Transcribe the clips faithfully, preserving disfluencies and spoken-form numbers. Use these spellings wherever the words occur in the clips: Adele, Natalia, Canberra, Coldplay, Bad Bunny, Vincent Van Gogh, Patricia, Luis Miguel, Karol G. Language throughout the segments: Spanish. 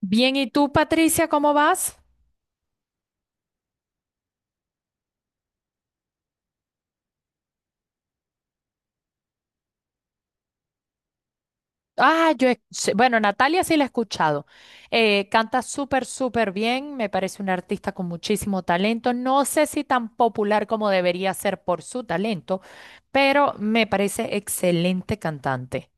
Bien, ¿y tú, Patricia, cómo vas? Ah, yo, he- sí, bueno, Natalia sí la he escuchado. Eh, canta súper, súper bien, me parece una artista con muchísimo talento. No sé si tan popular como debería ser por su talento, pero me parece excelente cantante.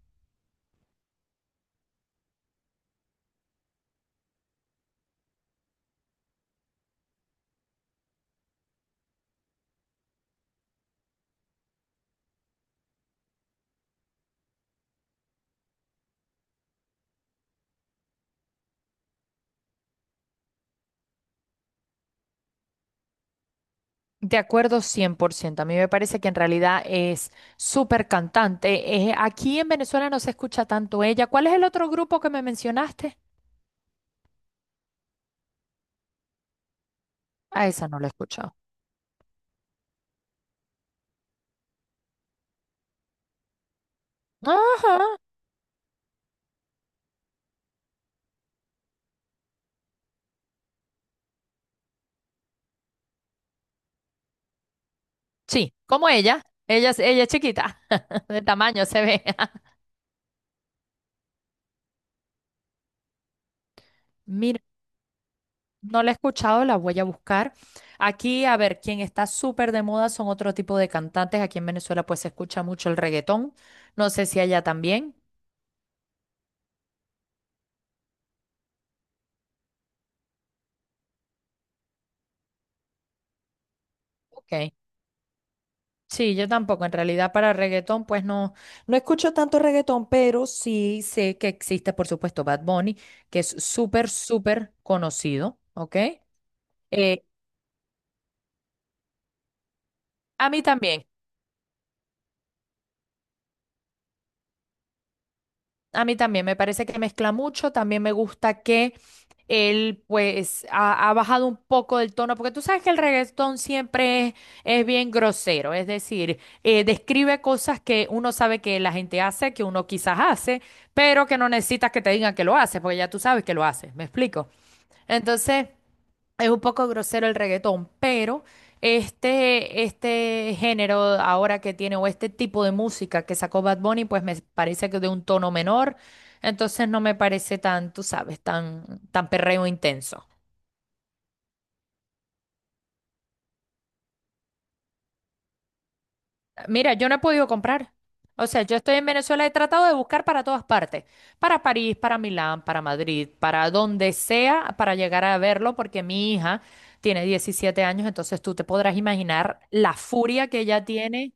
De acuerdo, cien por ciento. A mí me parece que en realidad es súper cantante. Eh, aquí en Venezuela no se escucha tanto ella. ¿Cuál es el otro grupo que me mencionaste? A esa no la he escuchado. Ajá. Sí, como ella. Ella, es- ella es chiquita, de tamaño se ve. Mira, no la he escuchado, la voy a buscar. Aquí, a ver, quien está súper de moda son otro tipo de cantantes. Aquí en Venezuela pues se escucha mucho el reggaetón. No sé si allá también. Ok. Sí, yo tampoco. En realidad para reggaetón pues no, no escucho tanto reggaetón, pero sí sé que existe, por supuesto, Bad Bunny, que es súper, súper conocido. Ok. Eh, a mí también. A mí también me parece que mezcla mucho, también me gusta que él pues ha, ha bajado un poco del tono, porque tú sabes que el reggaetón siempre es, es bien grosero, es decir, eh, describe cosas que uno sabe que la gente hace, que uno quizás hace, pero que no necesitas que te digan que lo haces, porque ya tú sabes que lo haces, ¿me explico? Entonces... Es un poco grosero el reggaetón, pero este, este género ahora que tiene, o este tipo de música que sacó Bad Bunny, pues me parece que de un tono menor, entonces no me parece tan, tú sabes, tan, tan perreo intenso. Mira, yo no he podido comprar. O sea, yo estoy en Venezuela, he tratado de buscar para todas partes, para París, para Milán, para Madrid, para donde sea, para llegar a verlo, porque mi hija tiene diecisiete años, entonces tú te podrás imaginar la furia que ella tiene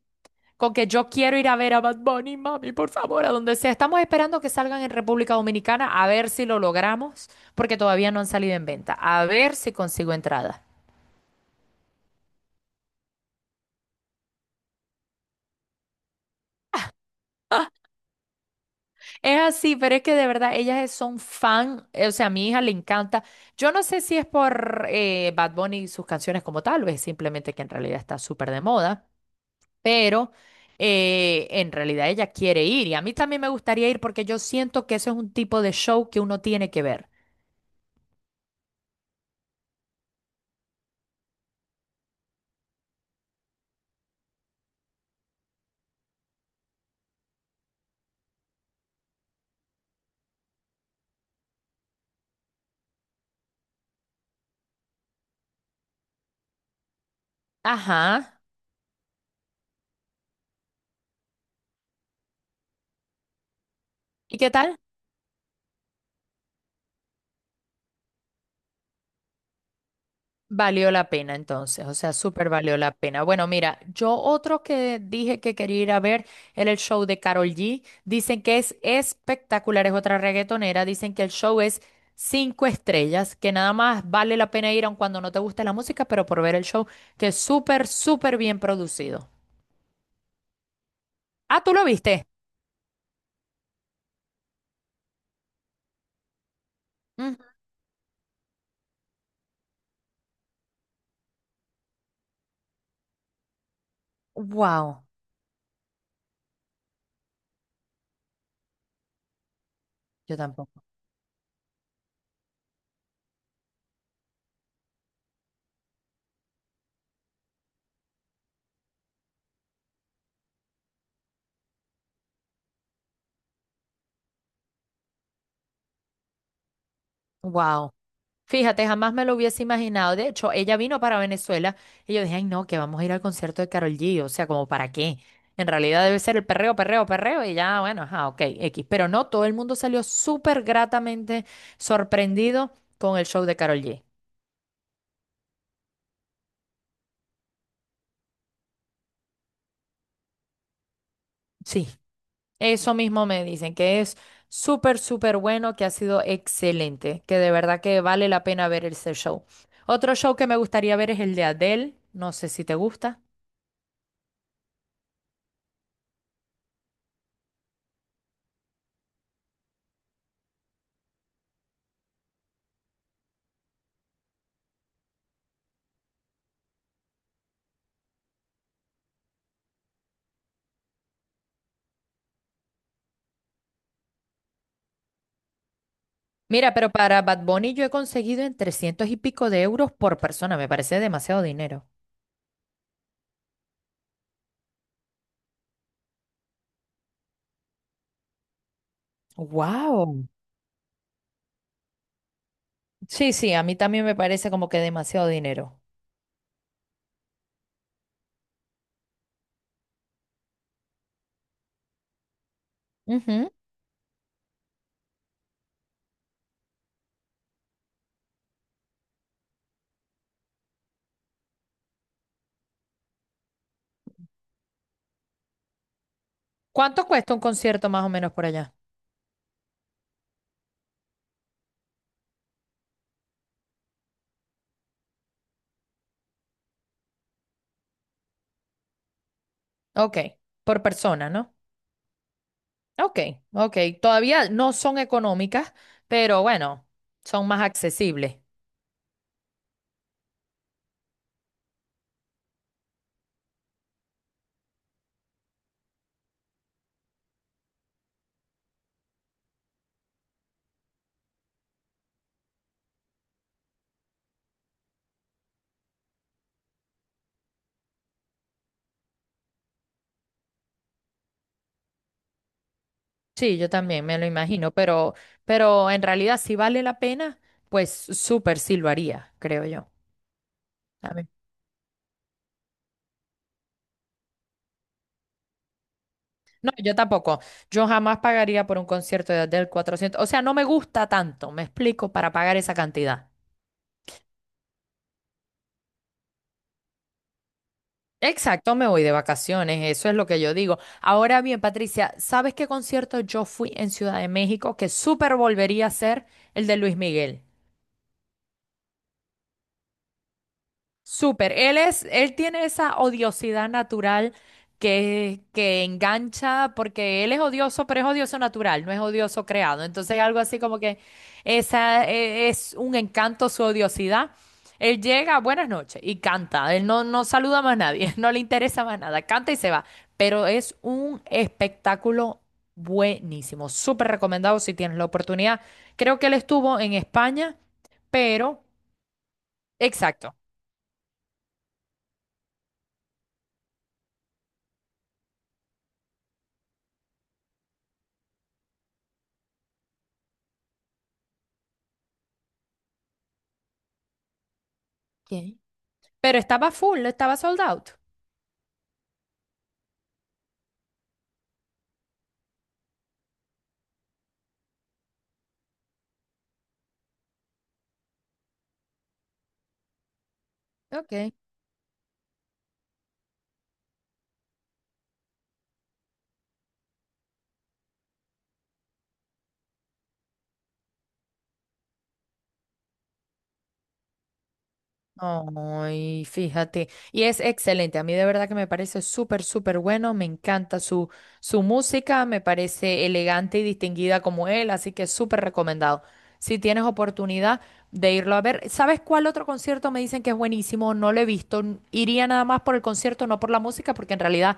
con que yo quiero ir a ver a Bad Bunny, mami, por favor, a donde sea. Estamos esperando que salgan en República Dominicana a ver si lo logramos, porque todavía no han salido en venta. A ver si consigo entrada. Es así, pero es que de verdad ellas es- son fan, eh, o sea, a mi hija le encanta. Yo no sé si es por eh, Bad Bunny y sus canciones como tal, o es simplemente que en realidad está súper de moda, pero eh, en realidad ella quiere ir y a mí también me gustaría ir porque yo siento que eso es un tipo de show que uno tiene que ver. Ajá. ¿Y qué tal? Valió la pena entonces, o sea, súper valió la pena. Bueno, mira, yo otro que dije que quería ir a ver era el show de Karol G. Dicen que es espectacular, es otra reggaetonera. Dicen que el show es cinco estrellas, que nada más vale la pena ir aun cuando no te guste la música, pero por ver el show, que es súper, súper bien producido. Ah, ¿tú lo viste? Wow, yo tampoco. Wow. Fíjate, jamás me lo hubiese imaginado. De hecho, ella vino para Venezuela y yo dije, ay, no, que vamos a ir al concierto de Karol G. O sea, como para qué. En realidad debe ser el perreo, perreo, perreo y ya, bueno, ajá, ok, X. Pero no, todo el mundo salió súper gratamente sorprendido con el show de Karol G. Sí, eso mismo me dicen, que es súper, súper bueno, que ha sido excelente, que de verdad que vale la pena ver ese show. Otro show que me gustaría ver es el de Adele. No sé si te gusta. Mira, pero para Bad Bunny yo he conseguido en trescientos y pico de euros por persona. Me parece demasiado dinero. Wow. Sí, sí, a mí también me parece como que demasiado dinero. Ujú. ¿Cuánto cuesta un concierto más o menos por allá? Ok, por persona, ¿no? Ok, ok. Todavía no son económicas, pero bueno, son más accesibles. Sí, yo también me lo imagino, pero, pero en realidad si vale la pena, pues súper sí lo haría, creo yo. No, yo tampoco. Yo jamás pagaría por un concierto de Adele cuatrocientos. O sea, no me gusta tanto, me explico, para pagar esa cantidad. Exacto, me voy de vacaciones, eso es lo que yo digo. Ahora bien, Patricia, ¿sabes qué concierto yo fui en Ciudad de México que súper volvería a ser el de Luis Miguel? Súper, él es, él tiene esa odiosidad natural que, que engancha, porque él es odioso, pero es odioso natural, no es odioso creado. Entonces, algo así como que esa eh, es un encanto su odiosidad. Él llega, buenas noches, y canta. Él no, no saluda más a nadie, no le interesa más nada, canta y se va. Pero es un espectáculo buenísimo, súper recomendado si tienes la oportunidad. Creo que él estuvo en España, pero exacto. Ok. Pero estaba full, estaba sold out. Ok. Ay, fíjate. Y es excelente. A mí de verdad que me parece súper, súper bueno. Me encanta su, su música. Me parece elegante y distinguida como él. Así que súper recomendado. Si tienes oportunidad de irlo a ver. ¿Sabes cuál otro concierto me dicen que es buenísimo? No lo he visto. N- Iría nada más por el concierto, no por la música, porque en realidad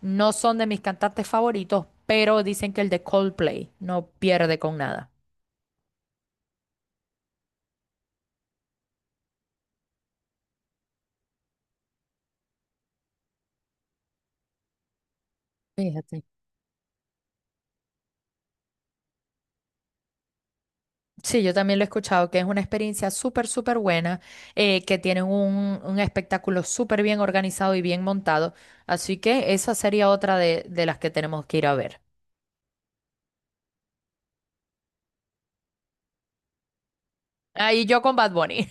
no son de mis cantantes favoritos. Pero dicen que el de Coldplay no pierde con nada. Fíjate. Sí, yo también lo he escuchado, que es una experiencia súper, súper buena, eh, que tienen un, un espectáculo súper bien organizado y bien montado. Así que esa sería otra de, de las que tenemos que ir a ver. Ahí yo con Bad Bunny.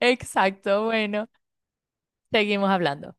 Exacto, bueno, seguimos hablando.